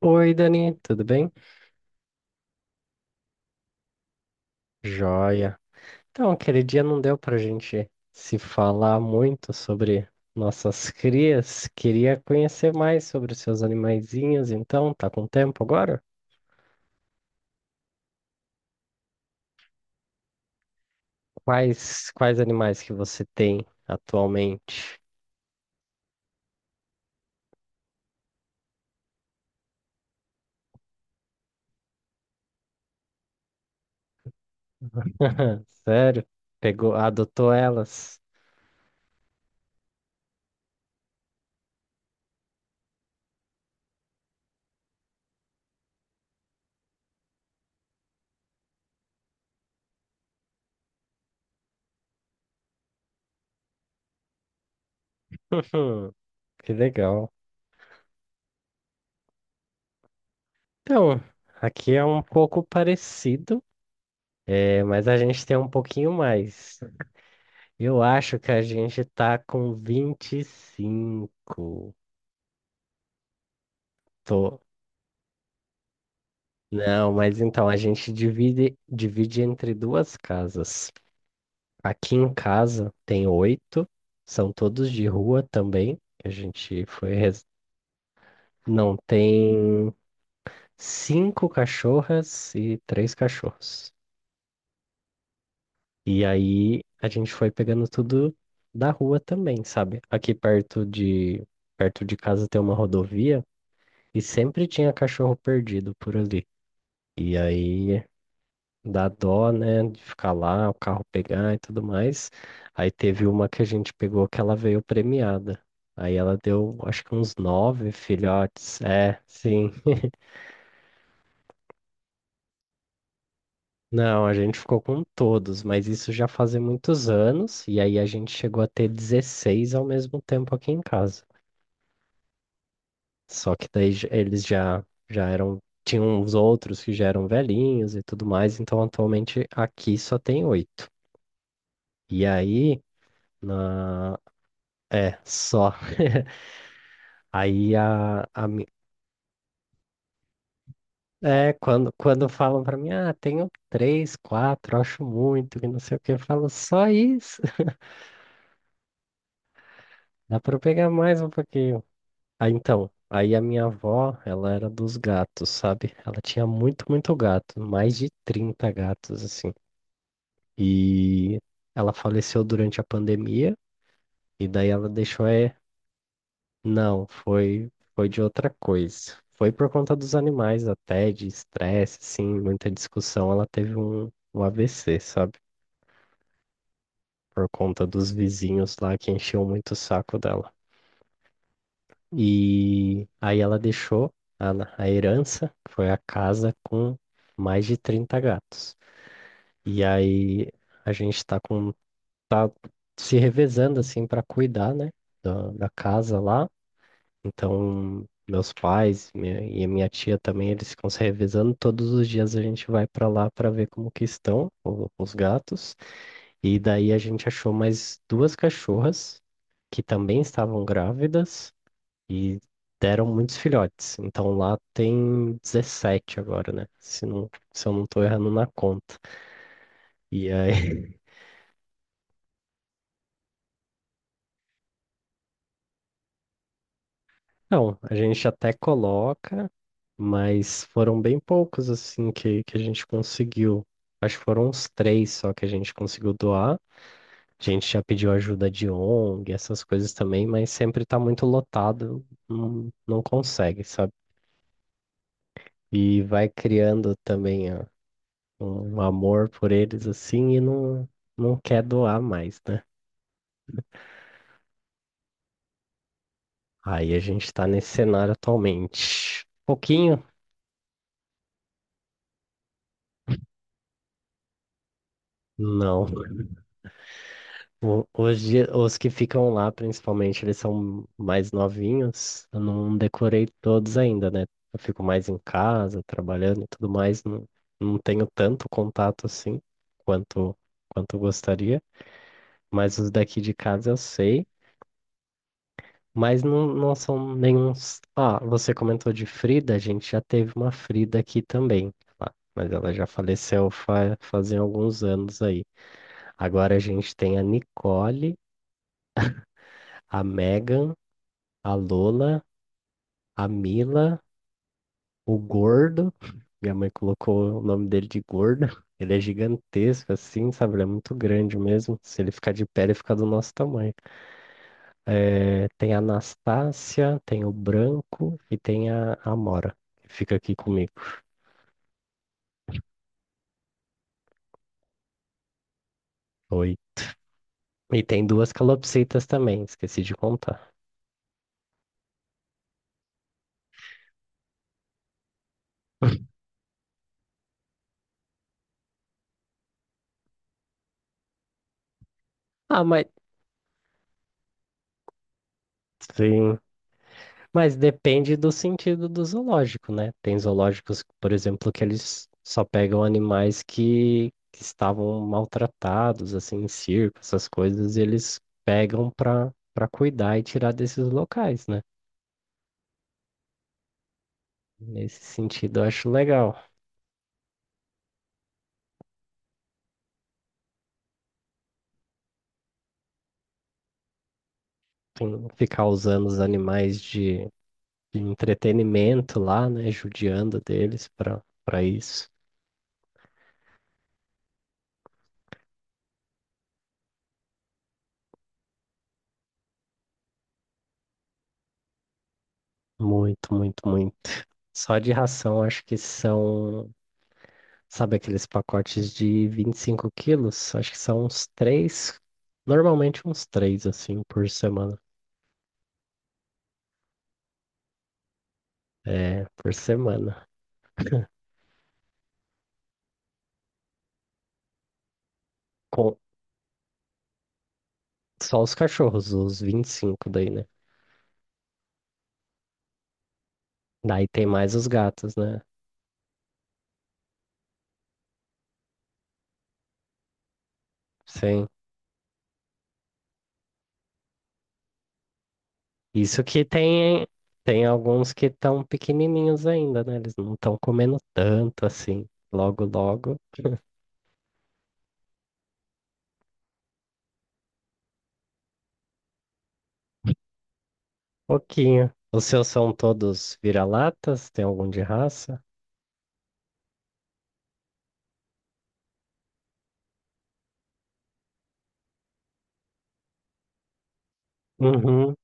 Oi, Dani, tudo bem? Joia. Então, aquele dia não deu pra gente se falar muito sobre nossas crias. Queria conhecer mais sobre os seus animaizinhos, então, tá com tempo agora? Quais animais que você tem atualmente? Sério? Pegou, adotou elas? Que legal. Então, aqui é um pouco parecido, é, mas a gente tem um pouquinho mais. Eu acho que a gente tá com 25. Tô. Não, mas então a gente divide entre duas casas. Aqui em casa tem 8, são todos de rua também. Que A gente foi. Não, tem 5 cachorras e 3 cachorros. E aí a gente foi pegando tudo da rua também, sabe? Perto de casa tem uma rodovia. E sempre tinha cachorro perdido por ali. E aí dá dó, né, de ficar lá, o carro pegar e tudo mais. Aí teve uma que a gente pegou que ela veio premiada. Aí ela deu, acho que uns 9 filhotes. É, sim. Não, a gente ficou com todos, mas isso já fazem muitos anos. E aí a gente chegou a ter 16 ao mesmo tempo aqui em casa. Só que daí eles já eram. Tinham os outros que já eram velhinhos e tudo mais, então atualmente aqui só tem 8. E aí, na... é, só. Aí a mi- É, quando falam pra mim, ah, tenho três, quatro, acho muito, que não sei o que, eu falo só isso, dá pra eu pegar mais um pouquinho. Ah, então, aí a minha avó, ela era dos gatos, sabe? Ela tinha muito gato, mais de 30 gatos, assim. E ela faleceu durante a pandemia, e daí ela não, foi de outra coisa. Foi por conta dos animais até, de estresse, assim, muita discussão, ela teve um AVC, sabe? Por conta dos vizinhos lá que enchiam muito o saco dela. E aí ela deixou a, a herança, que foi a casa com mais de 30 gatos. E aí a gente tá com tá se revezando assim para cuidar, né, da casa lá. Então, meus pais e a minha tia também, eles ficam se revezando. Todos os dias a gente vai para lá para ver como que estão os gatos. E daí a gente achou mais duas cachorras que também estavam grávidas e deram muitos filhotes. Então lá tem 17 agora, né? Se não, se eu não tô errando na conta. E aí não, a gente até coloca, mas foram bem poucos assim que a gente conseguiu. Acho que foram uns 3 só que a gente conseguiu doar. A gente já pediu ajuda de ONG, essas coisas também, mas sempre tá muito lotado, não, não consegue, sabe? E vai criando também ó, um amor por eles assim e não, não quer doar mais, né? Aí a gente tá nesse cenário atualmente. Pouquinho? Não, hoje, os que ficam lá, principalmente, eles são mais novinhos. Eu não decorei todos ainda, né? Eu fico mais em casa, trabalhando e tudo mais. Não, não tenho tanto contato assim quanto, quanto eu gostaria. Mas os daqui de casa eu sei. Mas não, não são nenhum. Ah, você comentou de Frida. A gente já teve uma Frida aqui também. Mas ela já faleceu fa fazem alguns anos aí. Agora a gente tem a Nicole, a Megan, a Lola, a Mila, o Gordo. Minha mãe colocou o nome dele de Gordo. Ele é gigantesco, assim, sabe? Ele é muito grande mesmo. Se ele ficar de pé, ele fica do nosso tamanho. Eh, tem a Anastácia, tem o Branco e tem a Amora, que fica aqui comigo. Oi. E tem 2 calopsitas também, esqueci de contar. Ah, mas. Sim. Mas depende do sentido do zoológico, né? Tem zoológicos, por exemplo, que eles só pegam animais que estavam maltratados, assim, em circo, essas coisas, e eles pegam para cuidar e tirar desses locais, né? Nesse sentido, eu acho legal. Ficar usando os animais de entretenimento lá, né? Judiando deles para isso. Muito, muito, muito. Só de ração, acho que são... sabe aqueles pacotes de 25 kg? Acho que são uns 3, normalmente uns 3, assim, por semana. É, por semana. Com só os cachorros, os 25 daí, né? Daí tem mais os gatos, né? Sim. Isso que tem, tem alguns que estão pequenininhos ainda, né? Eles não estão comendo tanto assim. Logo, logo, pouquinho. Os seus são todos vira-latas? Tem algum de raça? Uhum.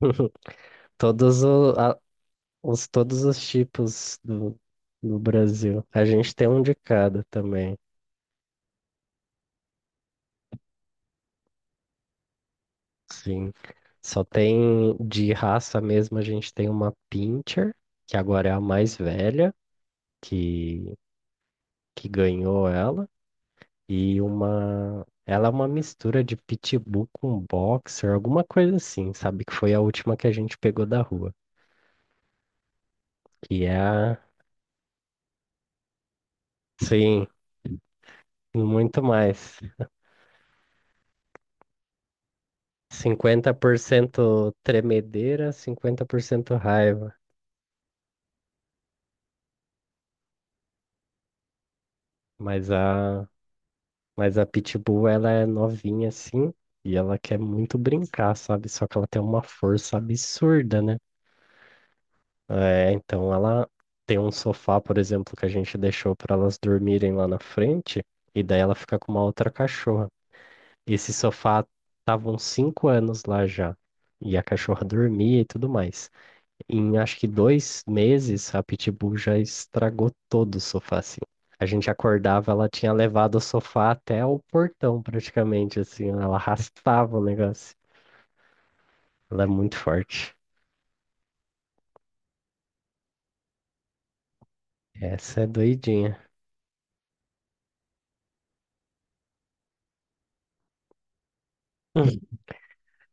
Todos todos os tipos do Brasil. A gente tem um de cada também, sim. Só tem de raça mesmo, a gente tem uma Pinscher, que agora é a mais velha, que, que ganhou ela, e uma. Ela é uma mistura de pitbull com boxer, alguma coisa assim, sabe? Que foi a última que a gente pegou da rua. Que é a. Sim, muito mais. Cinquenta por cento tremedeira, 50% raiva. Mas a, mas a Pitbull, ela é novinha assim, e ela quer muito brincar, sabe? Só que ela tem uma força absurda, né? É, então ela tem um sofá, por exemplo, que a gente deixou para elas dormirem lá na frente, e daí ela fica com uma outra cachorra. Esse sofá tava uns 5 anos lá já, e a cachorra dormia e tudo mais. Em acho que 2 meses, a Pitbull já estragou todo o sofá, assim. A gente acordava, ela tinha levado o sofá até o portão, praticamente, assim. Ela arrastava o negócio. Ela é muito forte. Essa é doidinha.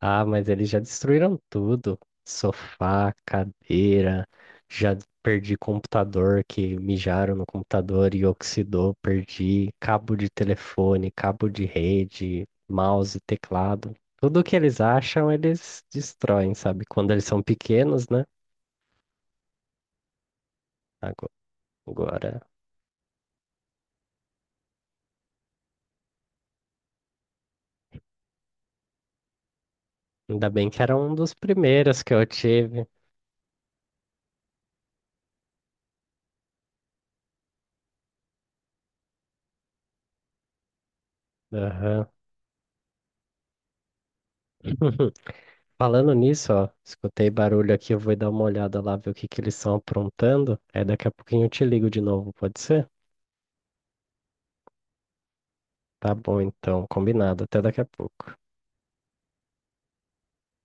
Ah, mas eles já destruíram tudo. Sofá, cadeira, já perdi computador que mijaram no computador e oxidou, perdi cabo de telefone, cabo de rede, mouse, teclado. Tudo que eles acham, eles destroem, sabe? Quando eles são pequenos, né? Ago- Agora, ainda bem que era um dos primeiros que eu tive. Aham. Falando nisso, ó, escutei barulho aqui, eu vou dar uma olhada lá, ver o que que eles estão aprontando. Aí daqui a pouquinho eu te ligo de novo, pode ser? Tá bom, então, combinado. Até daqui a pouco.